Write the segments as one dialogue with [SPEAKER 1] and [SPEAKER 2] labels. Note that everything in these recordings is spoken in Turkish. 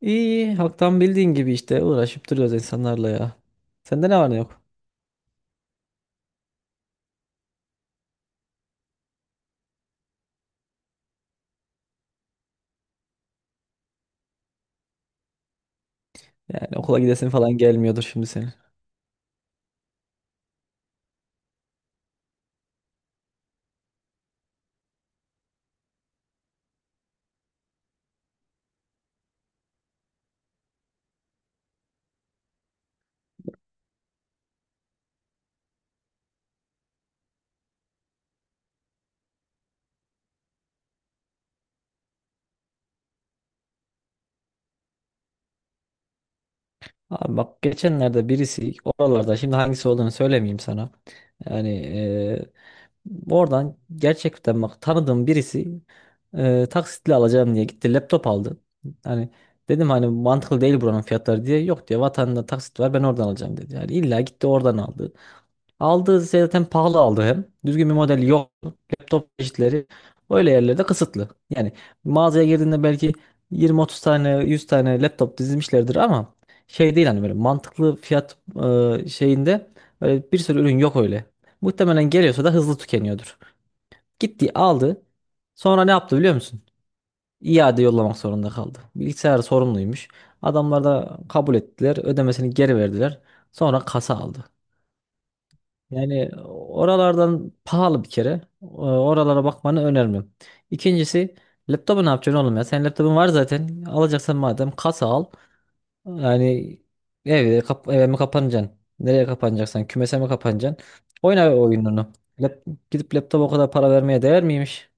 [SPEAKER 1] İyi, halktan bildiğin gibi işte uğraşıp duruyoruz insanlarla ya. Sende ne var ne yok? Yani okula gidesin falan gelmiyordur şimdi senin. Abi bak geçenlerde birisi oralarda şimdi hangisi olduğunu söylemeyeyim sana. Yani oradan gerçekten bak tanıdığım birisi taksitle alacağım diye gitti laptop aldı. Hani dedim hani mantıklı değil buranın fiyatları diye. Yok diyor vatanda taksit var ben oradan alacağım dedi. Yani illa gitti oradan aldı. Aldığı şey zaten pahalı aldı hem. Düzgün bir model yok. Laptop çeşitleri öyle yerlerde kısıtlı. Yani mağazaya girdiğinde belki 20-30 tane 100 tane laptop dizilmişlerdir ama şey değil hani böyle mantıklı fiyat şeyinde böyle bir sürü ürün yok öyle. Muhtemelen geliyorsa da hızlı tükeniyordur. Gitti aldı. Sonra ne yaptı biliyor musun? İade yollamak zorunda kaldı. Bilgisayar sorumluymuş. Adamlar da kabul ettiler. Ödemesini geri verdiler. Sonra kasa aldı. Yani oralardan pahalı bir kere. Oralara bakmanı önermiyorum. İkincisi laptopu ne yapacaksın oğlum ya? Senin laptopun var zaten. Alacaksan madem kasa al. Yani evde kap eve mi kapanacaksın? Nereye kapanacaksan kümese mi kapanacaksın? Oyna oyununu. Lap gidip laptopa o kadar para vermeye değer miymiş?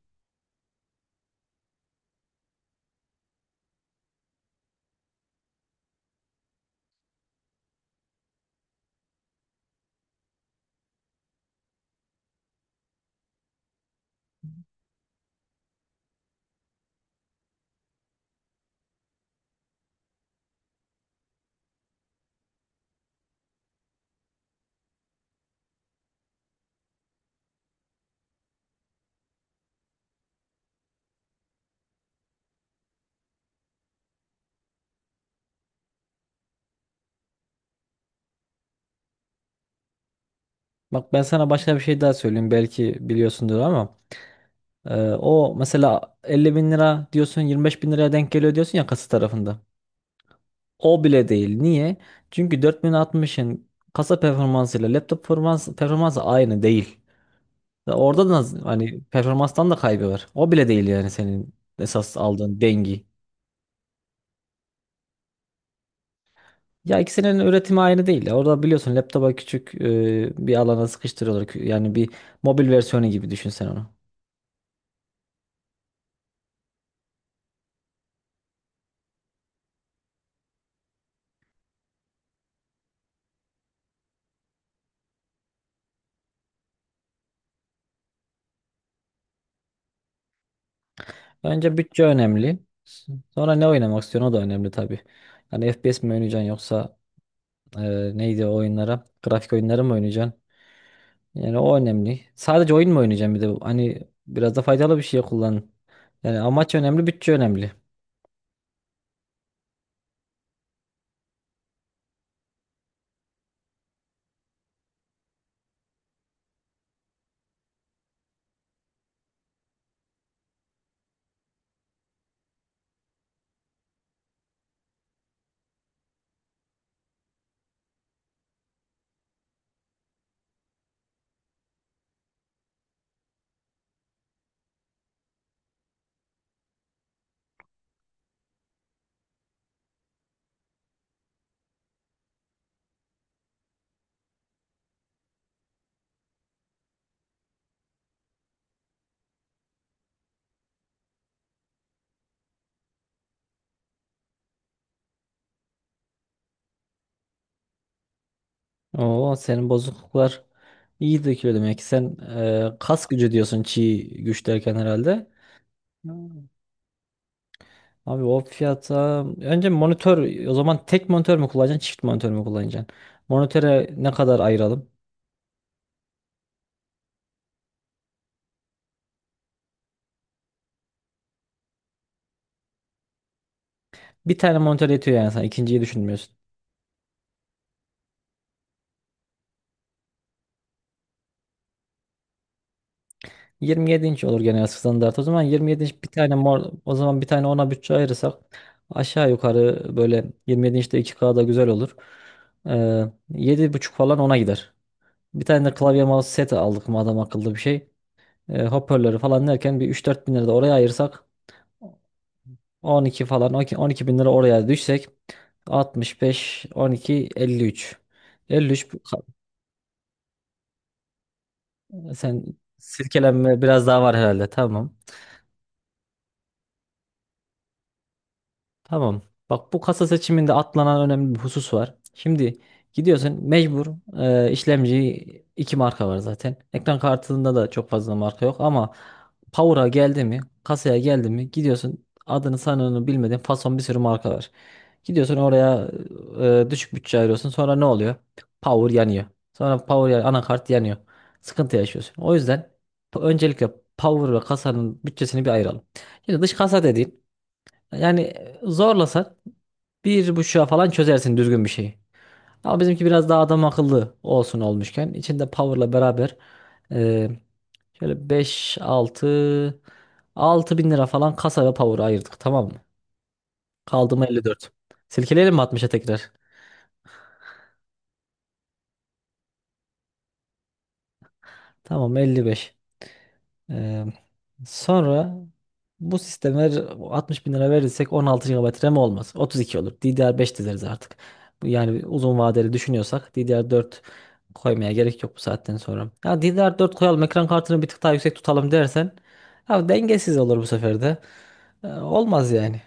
[SPEAKER 1] Bak ben sana başka bir şey daha söyleyeyim. Belki biliyorsundur ama o mesela 50 bin lira diyorsun 25 bin liraya denk geliyor diyorsun ya kasa tarafında. O bile değil. Niye? Çünkü 4060'ın kasa performansıyla laptop performansı aynı değil. Ve orada da hani performanstan da kaybı var. O bile değil yani senin esas aldığın dengi. Ya ikisinin üretimi aynı değil ya. Orada biliyorsun laptopa küçük bir alana sıkıştırıyorlar. Yani bir mobil versiyonu gibi düşün sen onu. Önce bütçe önemli. Sonra ne oynamak istiyorsun o da önemli tabii. Yani FPS mi oynayacaksın yoksa e, neydi o oyunlara? Grafik oyunları mı oynayacaksın? Yani o önemli. Sadece oyun mu oynayacağım bir de? Hani biraz da faydalı bir şey kullan. Yani amaç önemli, bütçe önemli. Oo senin bozukluklar iyi dökülüyor demek ki. Sen kas gücü diyorsun çiğ güç derken herhalde. Abi o fiyata önce monitör o zaman tek monitör mü kullanacaksın çift monitör mü kullanacaksın? Monitöre ne kadar ayıralım? Bir tane monitör yetiyor yani sen ikinciyi düşünmüyorsun. 27 inç olur genel standart. O zaman 27 inç bir tane mor o zaman bir tane ona bütçe ayırırsak aşağı yukarı böyle 27 inçte 2K da güzel olur. Ee, yedi buçuk falan ona gider. Bir tane de klavye mouse seti aldık mı adam akıllı bir şey. Hoparlörü falan derken bir üç dört bin lira da oraya ayırsak 12 falan on iki bin lira oraya düşsek 65 12 53. 53 bu- Sen silkelenme biraz daha var herhalde, tamam. Tamam. Bak bu kasa seçiminde atlanan önemli bir husus var. Şimdi gidiyorsun mecbur işlemci iki marka var zaten. Ekran kartında da çok fazla marka yok ama Power'a geldi mi, kasaya geldi mi gidiyorsun adını sanını bilmediğin fason bir sürü marka var. Gidiyorsun oraya düşük bütçe ayırıyorsun. Sonra ne oluyor? Power yanıyor. Sonra power anakart yanıyor. Sıkıntı yaşıyorsun. O yüzden öncelikle power ve kasanın bütçesini bir ayıralım. Şimdi dış kasa dediğin yani zorlasak bir buçuğa falan çözersin düzgün bir şeyi. Ama bizimki biraz daha adam akıllı olsun olmuşken içinde power'la beraber e, şöyle 5 6 6 bin lira falan kasa ve power ayırdık, tamam mı? Kaldı mı 54. Silkeleyelim mi 60'a tekrar? Tamam 55. Ee, sonra bu sisteme 60 bin lira verirsek 16 GB RAM olmaz. 32 olur. DDR5 dizeriz artık. Yani uzun vadeli düşünüyorsak DDR4 koymaya gerek yok bu saatten sonra. Ya DDR4 koyalım ekran kartını bir tık daha yüksek tutalım dersen ya dengesiz olur bu sefer de. Olmaz yani.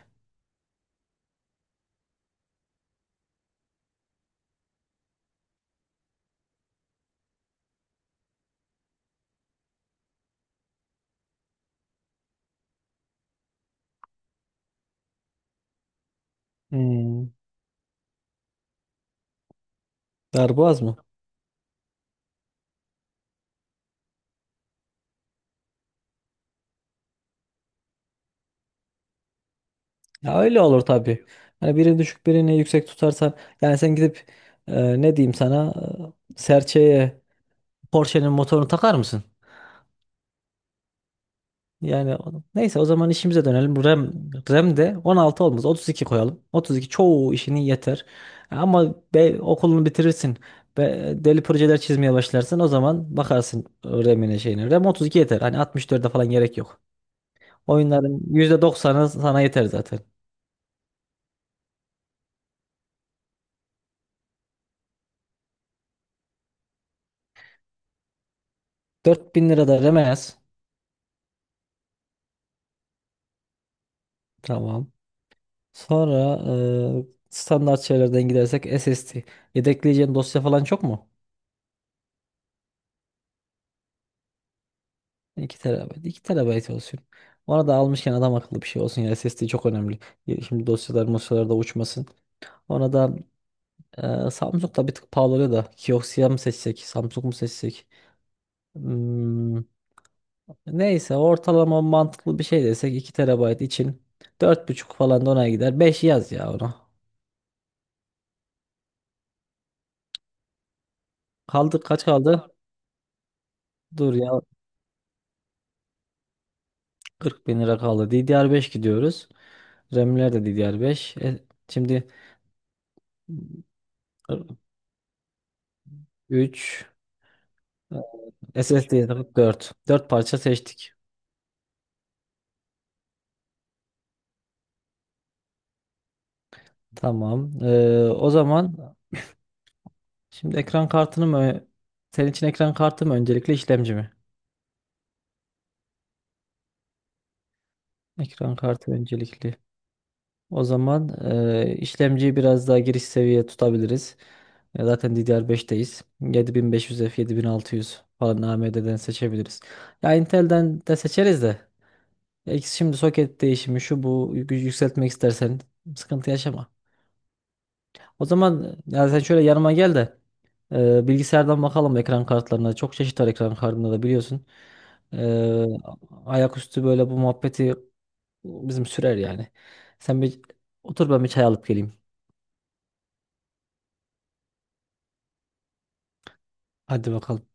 [SPEAKER 1] Hmm, darboğaz mı? Ya öyle olur tabii. Yani birini düşük birini yüksek tutarsan yani sen gidip ne diyeyim sana serçeye Porsche'nin motorunu takar mısın? Yani neyse o zaman işimize dönelim. Bu RAM de 16 olmaz. 32 koyalım. 32 çoğu işini yeter. Ama be, okulunu bitirirsin. Be, deli projeler çizmeye başlarsın. O zaman bakarsın RAM'ine şeyine. RAM 32 yeter. Hani 64'e falan gerek yok. Oyunların %90'ı sana yeter zaten. 4000 lira da RAM'e yaz. Tamam. Sonra standart şeylerden gidersek SSD. Yedekleyeceğin dosya falan çok mu? 2 terabayt. 2 terabayt olsun. Ona da almışken adam akıllı bir şey olsun. Yani SSD çok önemli. Şimdi dosyalar mosyalar da uçmasın. Ona da Samsung da bir tık pahalı da. Kioxia mı seçsek? Samsung mu seçsek? Hmm, neyse ortalama mantıklı bir şey desek 2 terabayt için dört buçuk falan da ona gider. Beş yaz ya ona. Kaldı kaç kaldı? Dur ya 40 bin lira kaldı. DDR5 gidiyoruz. RAM'ler de DDR5. Şimdi 3. SSD dört parça seçtik. Tamam. O zaman şimdi ekran kartını mı senin için ekran kartı mı öncelikli işlemci mi? Ekran kartı öncelikli. O zaman işlemciyi biraz daha giriş seviye tutabiliriz. Zaten DDR5'teyiz. 7500F, 7600 falan AMD'den seçebiliriz. Ya Intel'den de seçeriz de. Ya ikisi şimdi soket değişimi şu bu yükseltmek istersen sıkıntı yaşama. O zaman ya sen şöyle yanıma gel de bilgisayardan bakalım ekran kartlarına. Çok çeşit var ekran kartında da biliyorsun. E, ayaküstü böyle bu muhabbeti bizim sürer yani. Sen bir otur ben bir çay alıp geleyim. Hadi bakalım.